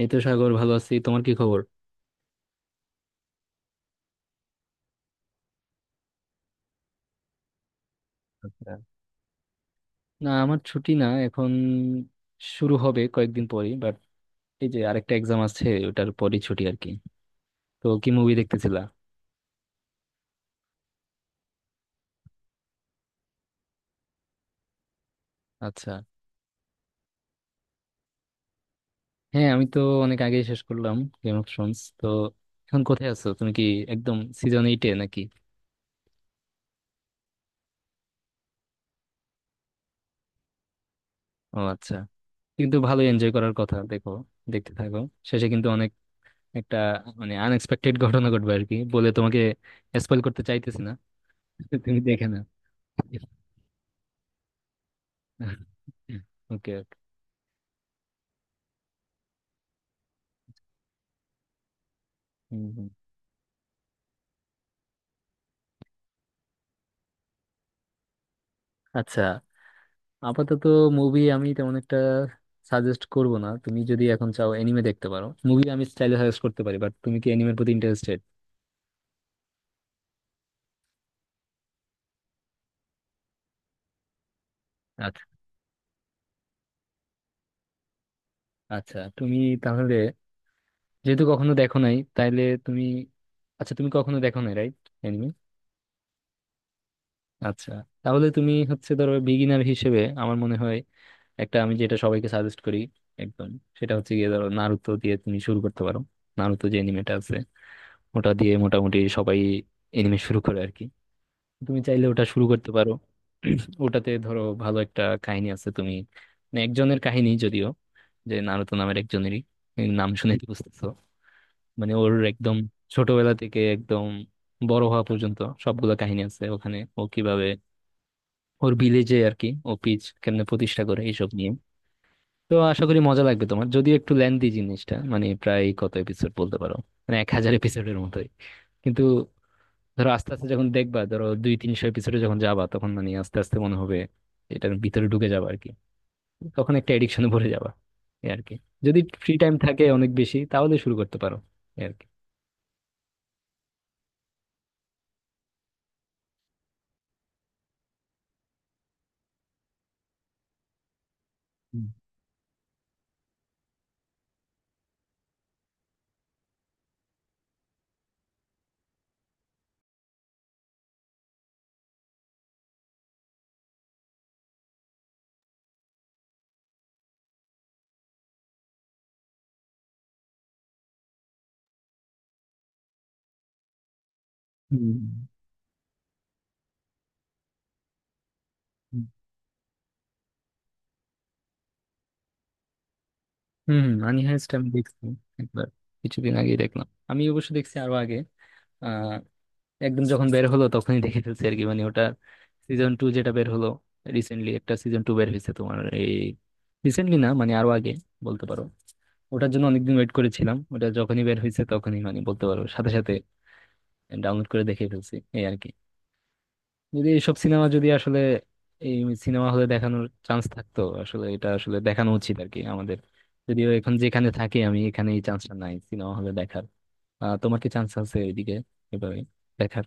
এই তো সাগর, ভালো আছি। তোমার কি খবর? আচ্ছা। না, আমার ছুটি না এখন। শুরু হবে কয়েকদিন পরেই, বাট এই যে আরেকটা এক্সাম আছে, ওটার পরই ছুটি আর কি। তো কি মুভি দেখতেছিলা? আচ্ছা। হ্যাঁ, আমি তো অনেক আগেই শেষ করলাম গেম অফ থ্রোনস তো। এখন কোথায় আছো তুমি? কি, একদম সিজন এইটে নাকি? ও আচ্ছা, কিন্তু ভালো এনজয় করার কথা। দেখো, দেখতে থাকো। শেষে কিন্তু অনেক একটা, মানে আনএক্সপেক্টেড ঘটনা ঘটবে আর কি। বলে তোমাকে স্পয়েল করতে চাইতেছি না। তুমি দেখে না। ওকে। হুম, হুম। আচ্ছা, আপাতত মুভি আমি তেমন একটা সাজেস্ট করব না। তুমি যদি এখন চাও এনিমে দেখতে পারো। মুভি আমি স্টাইলে সাজেস্ট করতে পারি, বাট তুমি কি এনিমের প্রতি ইন্টারেস্টেড? আচ্ছা আচ্ছা। তুমি তাহলে, যেহেতু কখনো দেখো নাই, তাহলে তুমি, আচ্ছা তুমি কখনো দেখো নাই রাইট? এনিমে? আচ্ছা, তাহলে তুমি হচ্ছে ধরো বিগিনার হিসেবে, আমার মনে হয় একটা আমি যেটা সবাইকে সাজেস্ট করি একদম, সেটা হচ্ছে গিয়ে, ধরো নারুতো দিয়ে তুমি শুরু করতে পারো। নারুতো যে এনিমেটা আছে, ওটা দিয়ে মোটামুটি সবাই এনিমে শুরু করে আর কি। তুমি চাইলে ওটা শুরু করতে পারো। ওটাতে ধরো ভালো একটা কাহিনী আছে। তুমি, মানে একজনের কাহিনী যদিও, যে নারুতো নামের একজনেরই, এই নাম শুনে তো বুঝতেছো, মানে ওর একদম ছোটবেলা থেকে একদম বড় হওয়া পর্যন্ত সবগুলো কাহিনী আছে ওখানে। ও কিভাবে ওর ভিলেজে আর কি, ও পিচ কেমনে প্রতিষ্ঠা করে, এইসব নিয়ে। তো আশা করি মজা লাগবে তোমার। যদিও একটু লেন্দি জিনিসটা, মানে প্রায় কত এপিসোড বলতে পারো, মানে 1,000 এপিসোডের মতোই। কিন্তু ধরো আস্তে আস্তে যখন দেখবা, ধরো দুই তিনশো এপিসোডে যখন যাবা, তখন মানে আস্তে আস্তে মনে হবে এটার ভিতরে ঢুকে যাবা আর কি। তখন একটা এডিকশনে ভরে যাবা, এই আর কি। যদি ফ্রি টাইম থাকে অনেক বেশি তাহলে শুরু করতে পারো, এই আর কি। হুম হুম হুম। হুম, মানি হাইস্ট আমি দেখছি একবার। কিছুদিন আগেই দেখলাম। আমি অবশ্য দেখছি আরো আগে, একদম যখন বের হলো তখনই দেখে ফেলছি আর কি। মানে ওটার সিজন টু যেটা বের হলো, রিসেন্টলি একটা সিজন টু বের হয়েছে তোমার এই, রিসেন্টলি না মানে আরো আগে বলতে পারো। ওটার জন্য অনেকদিন ওয়েট করেছিলাম, ওটা যখনই বের হয়েছে তখনই মানে বলতে পারো সাথে সাথে ডাউনলোড করে দেখে ফেলছি, এই আর কি। যদি এইসব সিনেমা যদি আসলে এই সিনেমা হলে দেখানোর চান্স থাকতো, আসলে এটা আসলে দেখানো উচিত আর কি আমাদের। যদিও এখন যেখানে থাকি আমি, এখানে এই চান্সটা নাই সিনেমা হলে দেখার। তোমার কি চান্স আছে ওইদিকে, এভাবে দেখার?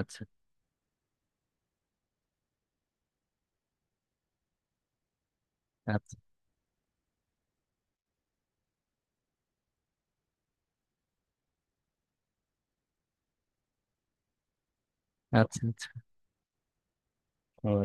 আচ্ছা আচ্ছা। আচ্ছা আচ্ছা। ও,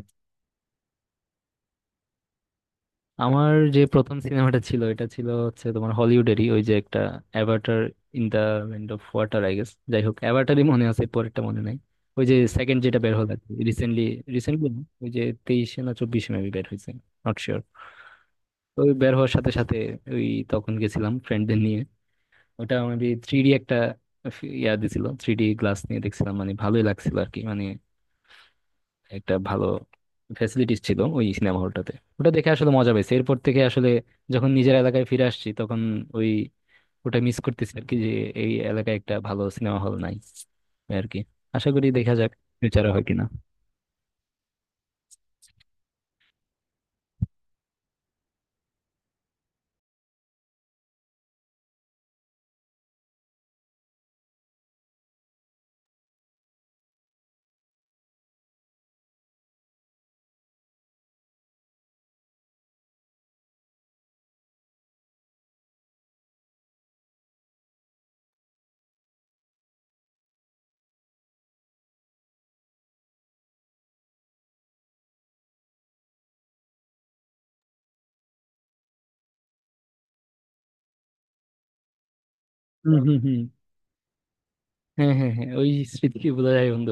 আমার যে প্রথম সিনেমাটা ছিল, এটা ছিল হচ্ছে তোমার হলিউডেরই, ওই যে একটা Avatar, in the end of water I guess. যাই হোক, অ্যাভাটারই মনে আছে, পরেরটা মনে নাই। ওই যে সেকেন্ড যেটা বের হলো রিসেন্টলি, রিসেন্টলি ওই যে তেইশে না চব্বিশে মেবি বের হয়েছে, নট শিওর। ওই বের হওয়ার সাথে সাথে, ওই তখন গেছিলাম ফ্রেন্ডদের নিয়ে। ওটা মেবি থ্রি ডি একটা, ইয়া দিছিল, থ্রি ডি গ্লাস নিয়ে দেখছিলাম, মানে ভালোই লাগছিল আর কি। মানে একটা ভালো ফ্যাসিলিটিস ছিল ওই সিনেমা হলটাতে। ওটা দেখে আসলে মজা পাইছে। এরপর থেকে আসলে যখন নিজের এলাকায় ফিরে আসছি, তখন ওই ওটা মিস করতেছি আর কি, যে এই এলাকায় একটা ভালো সিনেমা হল নাই আর কি। আশা করি দেখা যাক ফিউচারে হয় কিনা। হুম হুম হুম। হ্যাঁ হ্যাঁ হ্যাঁ, ওই স্মৃতি কি বোঝা যায় বন্ধু?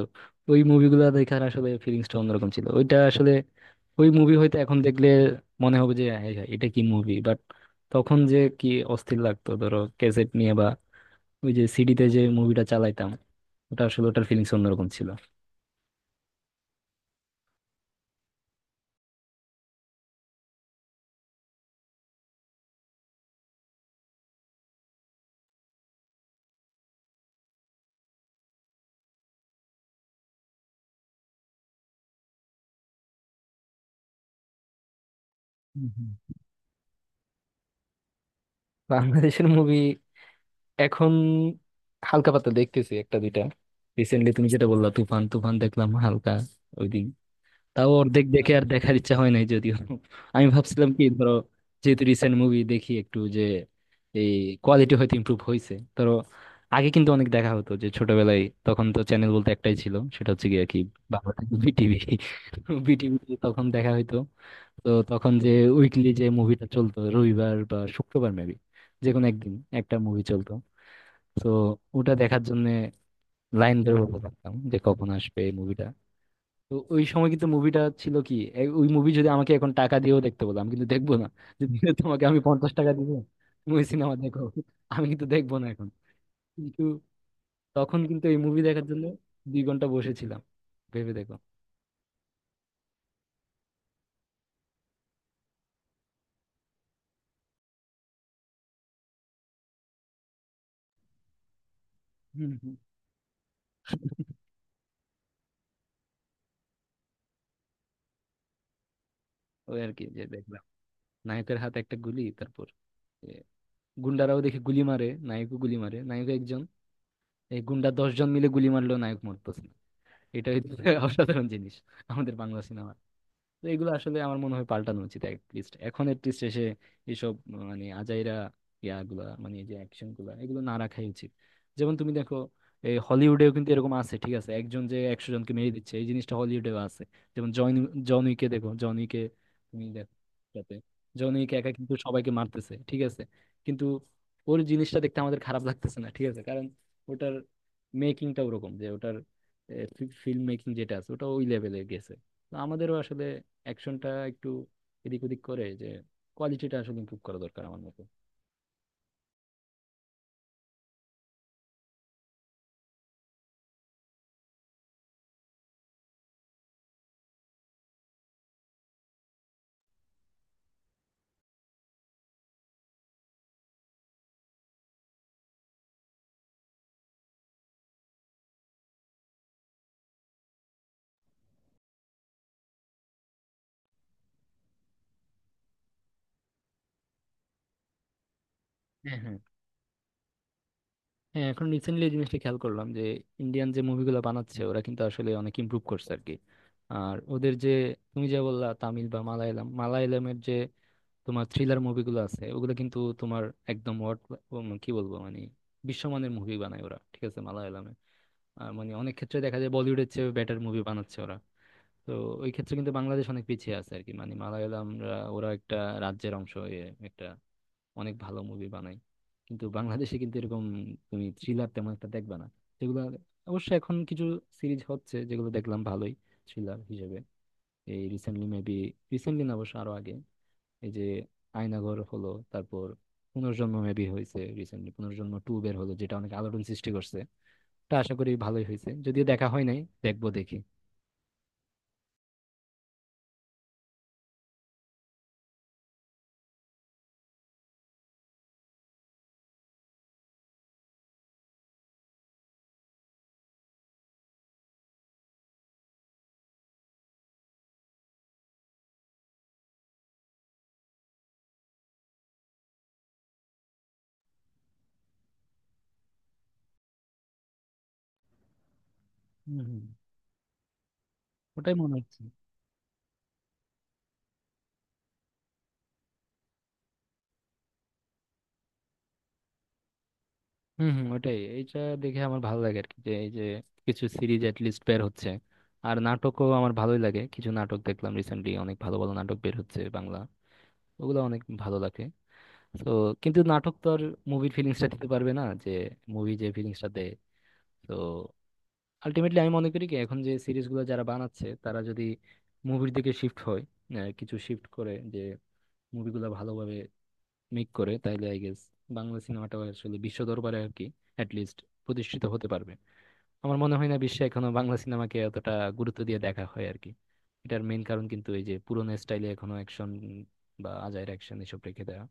ওই মুভিগুলো দেখার আসলে ফিলিংসটা অন্যরকম ছিল ওইটা আসলে। ওই মুভি হয়তো এখন দেখলে মনে হবে যে হ্যাঁ হ্যাঁ, এটা কি মুভি, বাট তখন যে কি অস্থির লাগতো, ধরো ক্যাসেট নিয়ে বা ওই যে সিডিতে যে মুভিটা চালাইতাম, ওটা আসলে ওটার ফিলিংস অন্যরকম ছিল। হুম, হুম। বাংলাদেশের মুভি এখন হালকা পাতলা দেখতেছি একটা দুইটা। রিসেন্টলি তুমি যেটা বললা, তুফান, তুফান দেখলাম হালকা, ওই দিন। তাও অর্ধেক দেখে আর দেখার ইচ্ছা হয় নাই যদিও। আমি ভাবছিলাম কি, ধরো যেহেতু রিসেন্ট মুভি দেখি একটু, যে এই কোয়ালিটি হয়তো ইমপ্রুভ হয়েছে ধরো। আগে কিন্তু অনেক দেখা হতো, যে ছোটবেলায় তখন তো চ্যানেল বলতে একটাই ছিল, সেটা হচ্ছে গিয়ে কি, বাংলা টিভি, বিটিভি। বিটিভি তখন দেখা হইতো। তো তখন যে উইকলি যে মুভিটা চলতো রবিবার বা শুক্রবার মেবি, যে কোনো একদিন একটা মুভি চলতো। তো ওটা দেখার জন্য লাইন ধরে বসে থাকতাম, যে কখন আসবে এই মুভিটা। তো ওই সময় কিন্তু মুভিটা ছিল কি, ওই মুভি যদি আমাকে এখন টাকা দিয়েও দেখতে বলো আমি কিন্তু দেখবো না। যদি তোমাকে আমি 50 টাকা দিব, তুমি ওই সিনেমা দেখো, আমি কিন্তু দেখবো না এখন। কিন্তু তখন কিন্তু এই মুভি দেখার জন্য 2 ঘন্টা বসেছিলাম, ভেবে দেখো। হম হম। ওই আর কি, যে দেখলাম নায়কের হাতে একটা গুলি, তারপর গুন্ডারাও দেখি গুলি মারে, নায়কও গুলি মারে, নায়ক একজন, এই গুন্ডা 10 জন মিলে গুলি মারলেও নায়ক মরতেছে না। এটা হচ্ছে অসাধারণ জিনিস আমাদের বাংলা সিনেমা। তো এগুলো আসলে আমার মনে হয় পাল্টানো উচিত অ্যাটলিস্ট এখন। অ্যাটলিস্ট এসে এসব, মানে আজাইরা ইয়াগুলা, মানে এই যে অ্যাকশন গুলা, এগুলো না রাখাই উচিত। যেমন তুমি দেখো, এই হলিউডেও কিন্তু এরকম আছে, ঠিক আছে, একজন যে 100 জনকে মেরে দিচ্ছে, এই জিনিসটা হলিউডেও আছে। যেমন জন, জন উইকে দেখো, জন উইকে তুমি দেখো, যাতে জন উইক একা কিন্তু সবাইকে মারতেছে, ঠিক আছে? কিন্তু ওর জিনিসটা দেখতে আমাদের খারাপ লাগতেছে না, ঠিক আছে, কারণ ওটার মেকিংটা ওরকম, যে ওটার ফিল্ম মেকিং যেটা আছে ওটা ওই লেভেলে গেছে। তো আমাদেরও আসলে অ্যাকশনটা একটু এদিক ওদিক করে যে কোয়ালিটিটা আসলে ইমপ্রুভ করা দরকার, আমার মতে। হ্যাঁ হ্যাঁ হ্যাঁ, এখন রিসেন্টলি এই জিনিসটা খেয়াল করলাম, যে ইন্ডিয়ান যে মুভিগুলো বানাচ্ছে ওরা কিন্তু আসলে অনেক ইমপ্রুভ করছে আর কি। আর ওদের যে, তুমি যা বললা, তামিল বা মালায়ালাম, মালায়ালামের যে তোমার থ্রিলার মুভিগুলো আছে, ওগুলো কিন্তু তোমার একদম what, কি বলবো, মানে বিশ্বমানের মুভি বানায় ওরা, ঠিক আছে, মালায়ালামে। আর মানে অনেক ক্ষেত্রে দেখা যায় বলিউডের চেয়ে বেটার মুভি বানাচ্ছে ওরা। তো ওই ক্ষেত্রে কিন্তু বাংলাদেশ অনেক পিছিয়ে আছে আর কি। মানে মালায়ালামরা ওরা একটা রাজ্যের অংশ হয়ে একটা অনেক ভালো মুভি বানায়। কিন্তু বাংলাদেশে কিন্তু এরকম তুমি থ্রিলার তেমন একটা দেখবে না, যেগুলো, অবশ্য এখন কিছু সিরিজ হচ্ছে যেগুলো দেখলাম ভালোই থ্রিলার হিসেবে। এই রিসেন্টলি মেবি, রিসেন্টলি না অবশ্য আরো আগে, এই যে আয়নাঘর হলো, তারপর পুনর্জন্ম মেবি হয়েছে, রিসেন্টলি পুনর্জন্ম টু বের হলো, যেটা অনেক আলোড়ন সৃষ্টি করছে। তা আশা করি ভালোই হয়েছে, যদিও দেখা হয় নাই। দেখবো দেখি। হম হম, ওটাই মনে হচ্ছে। হম হম, ওটাই। এইটা দেখে আমার ভালো লাগে আর কি, যে এই যে কিছু সিরিজ এট লিস্ট বের হচ্ছে। আর নাটকও আমার ভালোই লাগে, কিছু নাটক দেখলাম রিসেন্টলি, অনেক ভালো ভালো নাটক বের হচ্ছে বাংলা, ওগুলো অনেক ভালো লাগে। তো কিন্তু নাটক তো আর মুভির ফিলিংসটা দিতে পারবে না, যে মুভি যে ফিলিংসটা দেয়। তো আলটিমেটলি আমি মনে করি কি, এখন যে সিরিজগুলো যারা বানাচ্ছে, তারা যদি মুভির দিকে শিফট হয়, কিছু শিফট করে, যে মুভিগুলো ভালোভাবে মেক করে, তাহলে আই গেস বাংলা সিনেমাটাও আসলে বিশ্ব দরবারে আর কি অ্যাট লিস্ট প্রতিষ্ঠিত হতে পারবে। আমার মনে হয় না বিশ্বে এখনো বাংলা সিনেমাকে এতটা গুরুত্ব দিয়ে দেখা হয় আর কি। এটার মেইন কারণ কিন্তু এই যে পুরোনো স্টাইলে এখনো অ্যাকশন বা আজাইর অ্যাকশন এসব রেখে দেওয়া,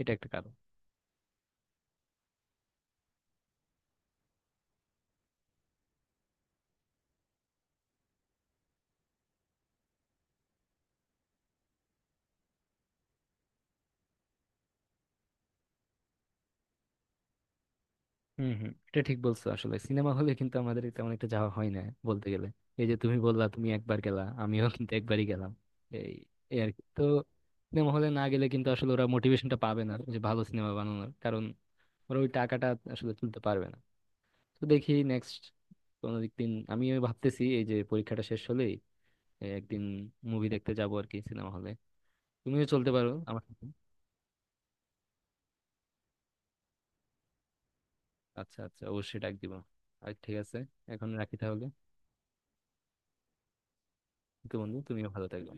এটা একটা কারণ। হম হম, এটা ঠিক বলছো। আসলে সিনেমা হলে কিন্তু আমাদের তেমন একটা যাওয়া হয় না বলতে গেলে। এই যে তুমি বললা তুমি একবার গেলা, আমিও কিন্তু একবারই গেলাম এই, এই আর কি। তো সিনেমা হলে না গেলে কিন্তু আসলে ওরা মোটিভেশনটা পাবে না যে ভালো সিনেমা বানানোর, কারণ ওরা ওই টাকাটা আসলে তুলতে পারবে না। তো দেখি নেক্সট কোনো দিন, আমি ভাবতেছি এই যে পরীক্ষাটা শেষ হলেই এই একদিন মুভি দেখতে যাবো আর কি সিনেমা হলে। তুমিও চলতে পারো আমার সাথে। আচ্ছা আচ্ছা, অবশ্যই ডাক দিব। আর ঠিক আছে, এখন রাখি তাহলে। তো বন্ধু তুমিও ভালো থাকবে।